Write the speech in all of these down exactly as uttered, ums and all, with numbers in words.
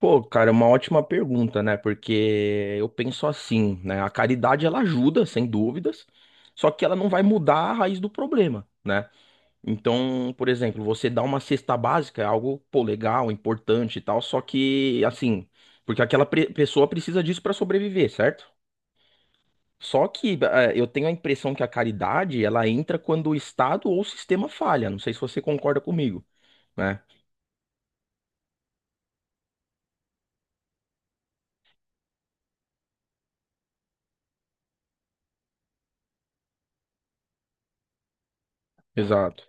Pô, cara, é uma ótima pergunta, né? Porque eu penso assim, né? A caridade ela ajuda, sem dúvidas, só que ela não vai mudar a raiz do problema, né? Então, por exemplo, você dá uma cesta básica, é algo, pô, legal, importante e tal, só que, assim, porque aquela pre- pessoa precisa disso pra sobreviver, certo? Só que eh, eu tenho a impressão que a caridade ela entra quando o Estado ou o sistema falha. Não sei se você concorda comigo, né? Exato.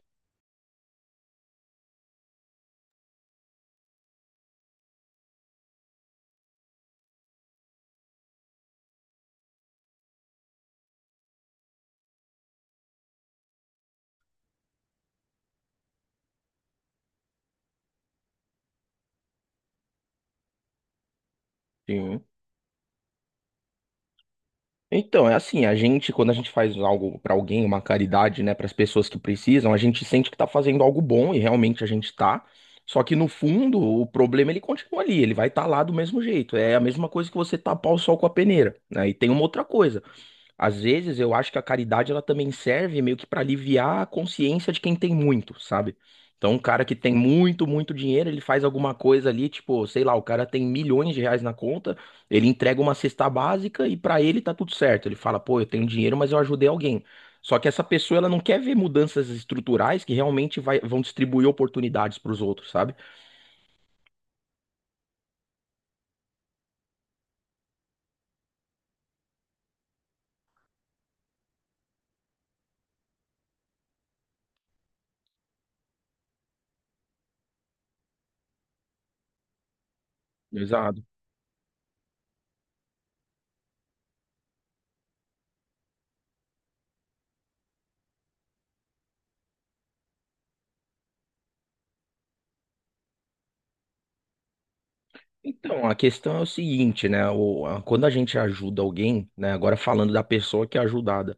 Sim. Então, é assim, a gente, quando a gente faz algo pra alguém, uma caridade, né, pras pessoas que precisam, a gente sente que tá fazendo algo bom e realmente a gente tá. Só que no fundo, o problema ele continua ali, ele vai estar lá do mesmo jeito. É a mesma coisa que você tapar o sol com a peneira, né? E tem uma outra coisa. Às vezes eu acho que a caridade ela também serve meio que para aliviar a consciência de quem tem muito, sabe? Então, um cara que tem muito, muito dinheiro, ele faz alguma coisa ali, tipo, sei lá, o cara tem milhões de reais na conta, ele entrega uma cesta básica e para ele tá tudo certo. Ele fala, pô, eu tenho dinheiro, mas eu ajudei alguém. Só que essa pessoa, ela não quer ver mudanças estruturais que realmente vai- vão distribuir oportunidades para os outros, sabe? Exato. Então, a questão é o seguinte, né? O- a- quando a gente ajuda alguém, né? Agora falando da pessoa que é ajudada.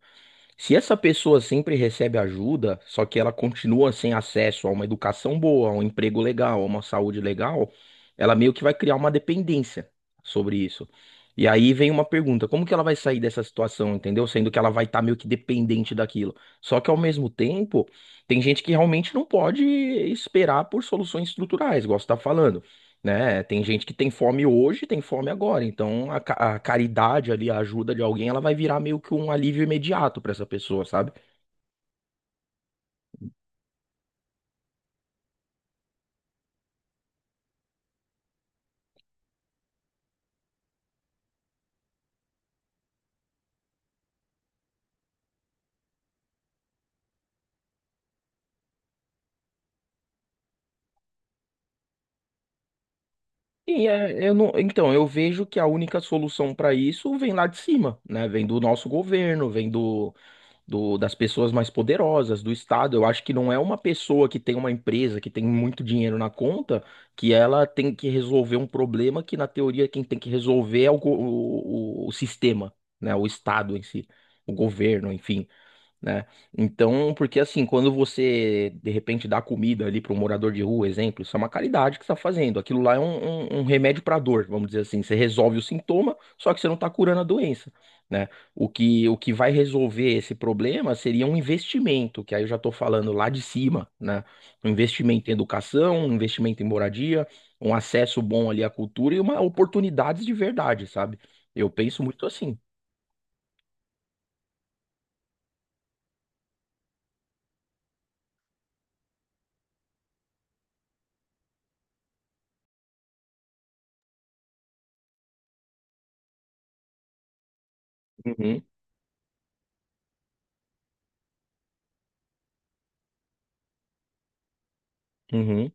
Se essa pessoa sempre recebe ajuda, só que ela continua sem acesso a uma educação boa, a um emprego legal, a uma saúde legal, ela meio que vai criar uma dependência sobre isso. E aí vem uma pergunta: como que ela vai sair dessa situação, entendeu? Sendo que ela vai estar meio que dependente daquilo. Só que ao mesmo tempo, tem gente que realmente não pode esperar por soluções estruturais, igual você está falando, né? Tem gente que tem fome hoje, tem fome agora. Então a, ca- a caridade ali, a ajuda de alguém, ela vai virar meio que um alívio imediato pra essa pessoa, sabe? E é, eu não, então eu vejo que a única solução pra isso vem lá de cima, né? Vem do nosso governo, vem do, do das pessoas mais poderosas, do Estado. Eu acho que não é uma pessoa que tem uma empresa que tem muito dinheiro na conta que ela tem que resolver um problema que na teoria quem tem que resolver é o, go- o, o o sistema, né? O Estado em si, o governo, enfim, né? Então, porque assim, quando você de repente dá comida ali para um morador de rua, exemplo, isso é uma caridade que você está fazendo. Aquilo lá é um, um- um remédio para dor, vamos dizer assim. Você resolve o sintoma, só que você não está curando a doença, né? O que, o que vai resolver esse problema seria um investimento, que aí eu já estou falando lá de cima, né? Um investimento em educação, um investimento em moradia, um acesso bom ali à cultura e uma oportunidades de verdade, sabe? Eu penso muito assim. Uhum, uhum,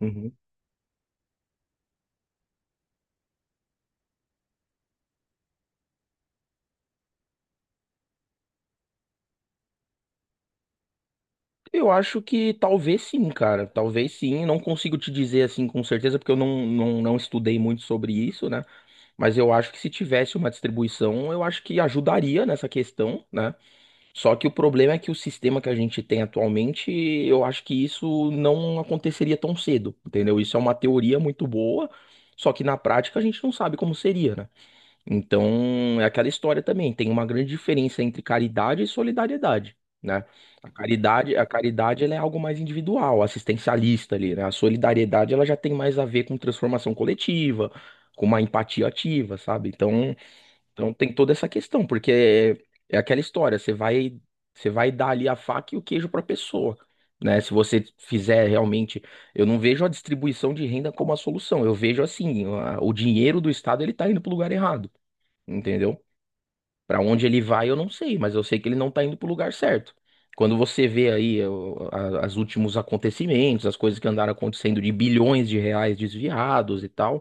uhum. Eu acho que talvez sim, cara. Talvez sim. Não consigo te dizer assim com certeza, porque eu não, não, não estudei muito sobre isso, né? Mas eu acho que se tivesse uma distribuição, eu acho que ajudaria nessa questão, né? Só que o problema é que o sistema que a gente tem atualmente, eu acho que isso não aconteceria tão cedo, entendeu? Isso é uma teoria muito boa, só que na prática a gente não sabe como seria, né? Então, é aquela história também, tem uma grande diferença entre caridade e solidariedade, né? A caridade, a caridade ela é algo mais individual, assistencialista ali, né? A solidariedade ela já tem mais a ver com transformação coletiva, com uma empatia ativa, sabe? Então, então tem toda essa questão, porque é, é aquela história, você vai você vai dar ali a faca e o queijo para a pessoa. Né, se você fizer realmente, eu não vejo a distribuição de renda como a solução. Eu vejo assim, a- o dinheiro do Estado ele está indo para o lugar errado, entendeu? Pra onde ele vai, eu não sei, mas eu sei que ele não tá indo pro lugar certo. Quando você vê aí o- a- as últimos acontecimentos, as coisas que andaram acontecendo de bilhões de reais desviados e tal,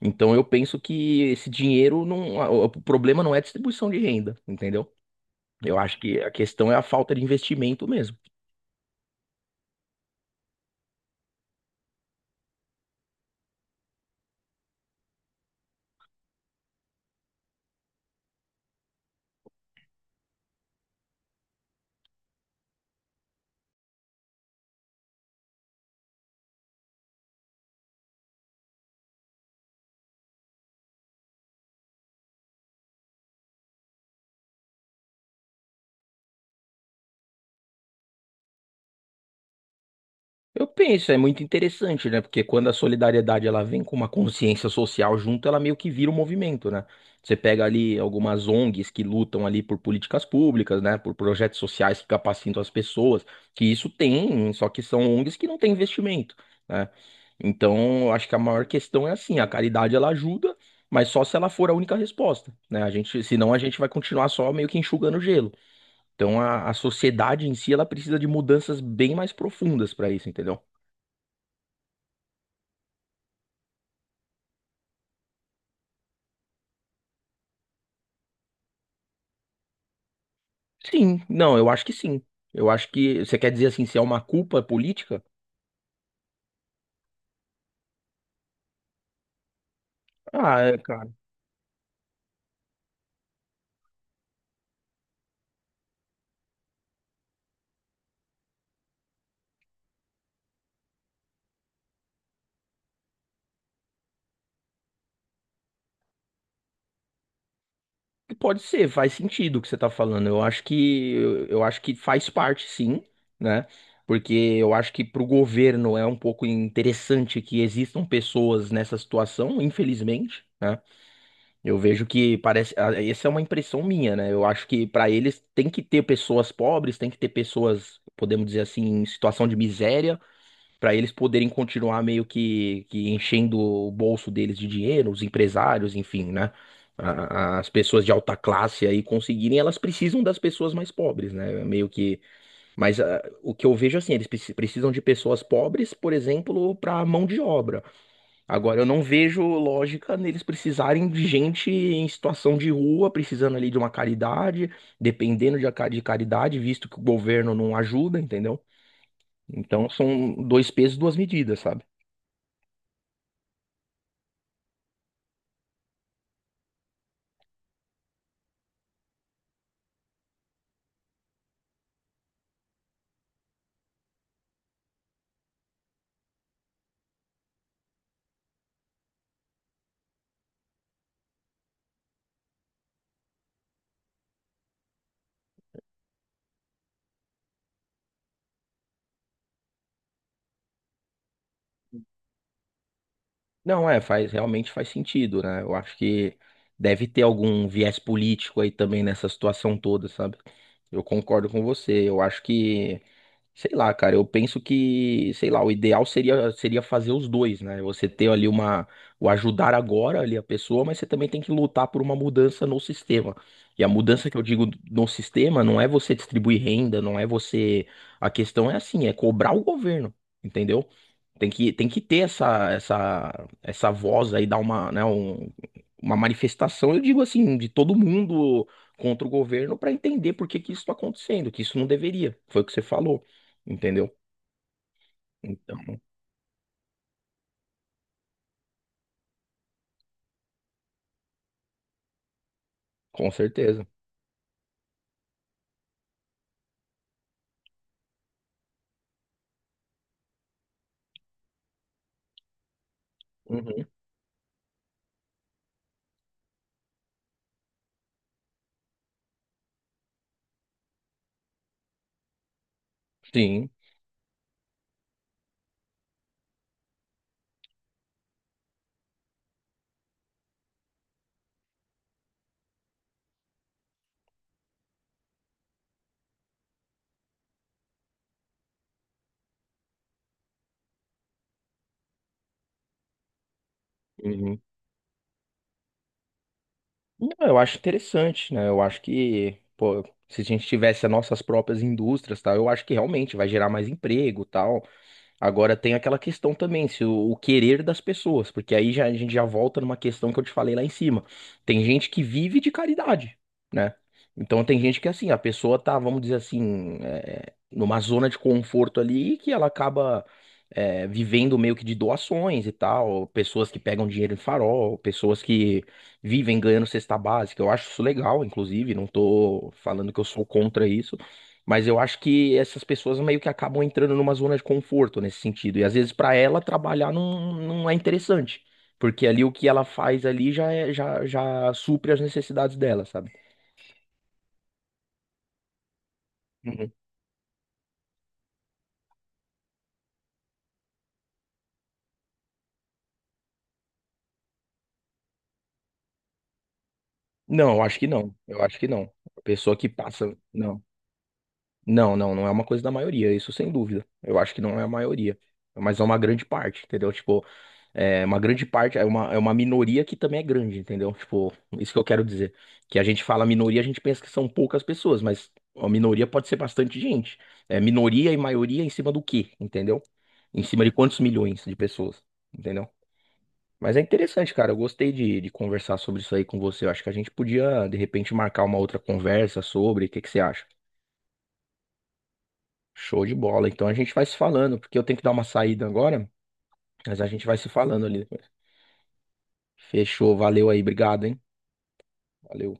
então eu penso que esse dinheiro não, a- o problema não é a distribuição de renda, entendeu? Eu acho que a questão é a falta de investimento mesmo. Eu penso, é muito interessante, né? Porque quando a solidariedade ela vem com uma consciência social junto, ela meio que vira um movimento, né? Você pega ali algumas ONGs que lutam ali por políticas públicas, né? Por projetos sociais que capacitam as pessoas, que isso tem, só que são ONGs que não têm investimento, né? Então, eu acho que a maior questão é assim, a caridade ela ajuda, mas só se ela for a única resposta, né? A gente, senão a gente vai continuar só meio que enxugando gelo. Então, a, a sociedade em si ela precisa de mudanças bem mais profundas para isso, entendeu? Sim, não, eu acho que sim. Eu acho que você quer dizer assim, se é uma culpa política? Ah, é, cara, pode ser, faz sentido o que você tá falando. Eu acho que eu acho que faz parte, sim, né? Porque eu acho que pro governo é um pouco interessante que existam pessoas nessa situação, infelizmente, né? Eu vejo que parece, ah, essa é uma impressão minha, né? Eu acho que para eles tem que ter pessoas pobres, tem que ter pessoas, podemos dizer assim, em situação de miséria. Pra eles poderem continuar meio que, que enchendo o bolso deles de dinheiro, os empresários, enfim, né? A- a- As pessoas de alta classe aí conseguirem, elas precisam das pessoas mais pobres, né? Meio que. Mas ah, o que eu vejo assim, eles preci- precisam de pessoas pobres, por exemplo, para mão de obra. Agora, eu não vejo lógica neles precisarem de gente em situação de rua, precisando ali de uma caridade, dependendo de, a ca- de caridade, visto que o governo não ajuda, entendeu? Então, são dois pesos, duas medidas, sabe? Não, é, faz, realmente faz sentido, né? Eu acho que deve ter algum viés político aí também nessa situação toda, sabe? Eu concordo com você. Eu acho que, sei lá, cara, eu penso que, sei lá, o ideal seria seria fazer os dois, né? Você ter ali uma, o ajudar agora ali a pessoa, mas você também tem que lutar por uma mudança no sistema. E a mudança que eu digo no sistema não é você distribuir renda, não é você. A questão é assim, é cobrar o governo, entendeu? Tem que, tem que ter essa, essa, essa voz aí, dar uma, né, um- uma manifestação, eu digo assim, de todo mundo contra o governo para entender por que que isso está acontecendo, que isso não deveria. Foi o que você falou, entendeu? Então, com certeza. Uhum. Sim. Uhum. Não, eu acho interessante, né? Eu acho que, pô, se a gente tivesse as nossas próprias indústrias, tal, eu acho que realmente vai gerar mais emprego, tal. Agora tem aquela questão também, se o, o querer das pessoas, porque aí já, a gente já volta numa questão que eu te falei lá em cima. Tem gente que vive de caridade, né? Então tem gente que assim, a pessoa tá, vamos dizer assim, é, numa zona de conforto ali que ela acaba, é, vivendo meio que de doações e tal, pessoas que pegam dinheiro em farol, pessoas que vivem ganhando cesta básica. Eu acho isso legal, inclusive, não tô falando que eu sou contra isso. Mas eu acho que essas pessoas meio que acabam entrando numa zona de conforto nesse sentido. E às vezes para ela trabalhar não, não é interessante. Porque ali o que ela faz ali já, é- já, já supre as necessidades dela, sabe? Uhum. Não, eu acho que não. Eu acho que não. A pessoa que passa. Não. Não, não, não é uma coisa da maioria, isso sem dúvida. Eu acho que não é a maioria, mas é uma grande parte, entendeu? Tipo, é uma grande parte, é uma, é uma minoria que também é grande, entendeu? Tipo, isso que eu quero dizer. Que a gente fala minoria, a gente pensa que são poucas pessoas, mas a minoria pode ser bastante gente. É minoria e maioria em cima do quê, entendeu? Em cima de quantos milhões de pessoas, entendeu? Mas é interessante, cara. Eu gostei de, de conversar sobre isso aí com você. Eu acho que a gente podia, de repente, marcar uma outra conversa sobre. O que que você acha? Show de bola. Então a gente vai se falando, porque eu tenho que dar uma saída agora, mas a gente vai se falando ali. Depois. Fechou, valeu aí, obrigado, hein? Valeu.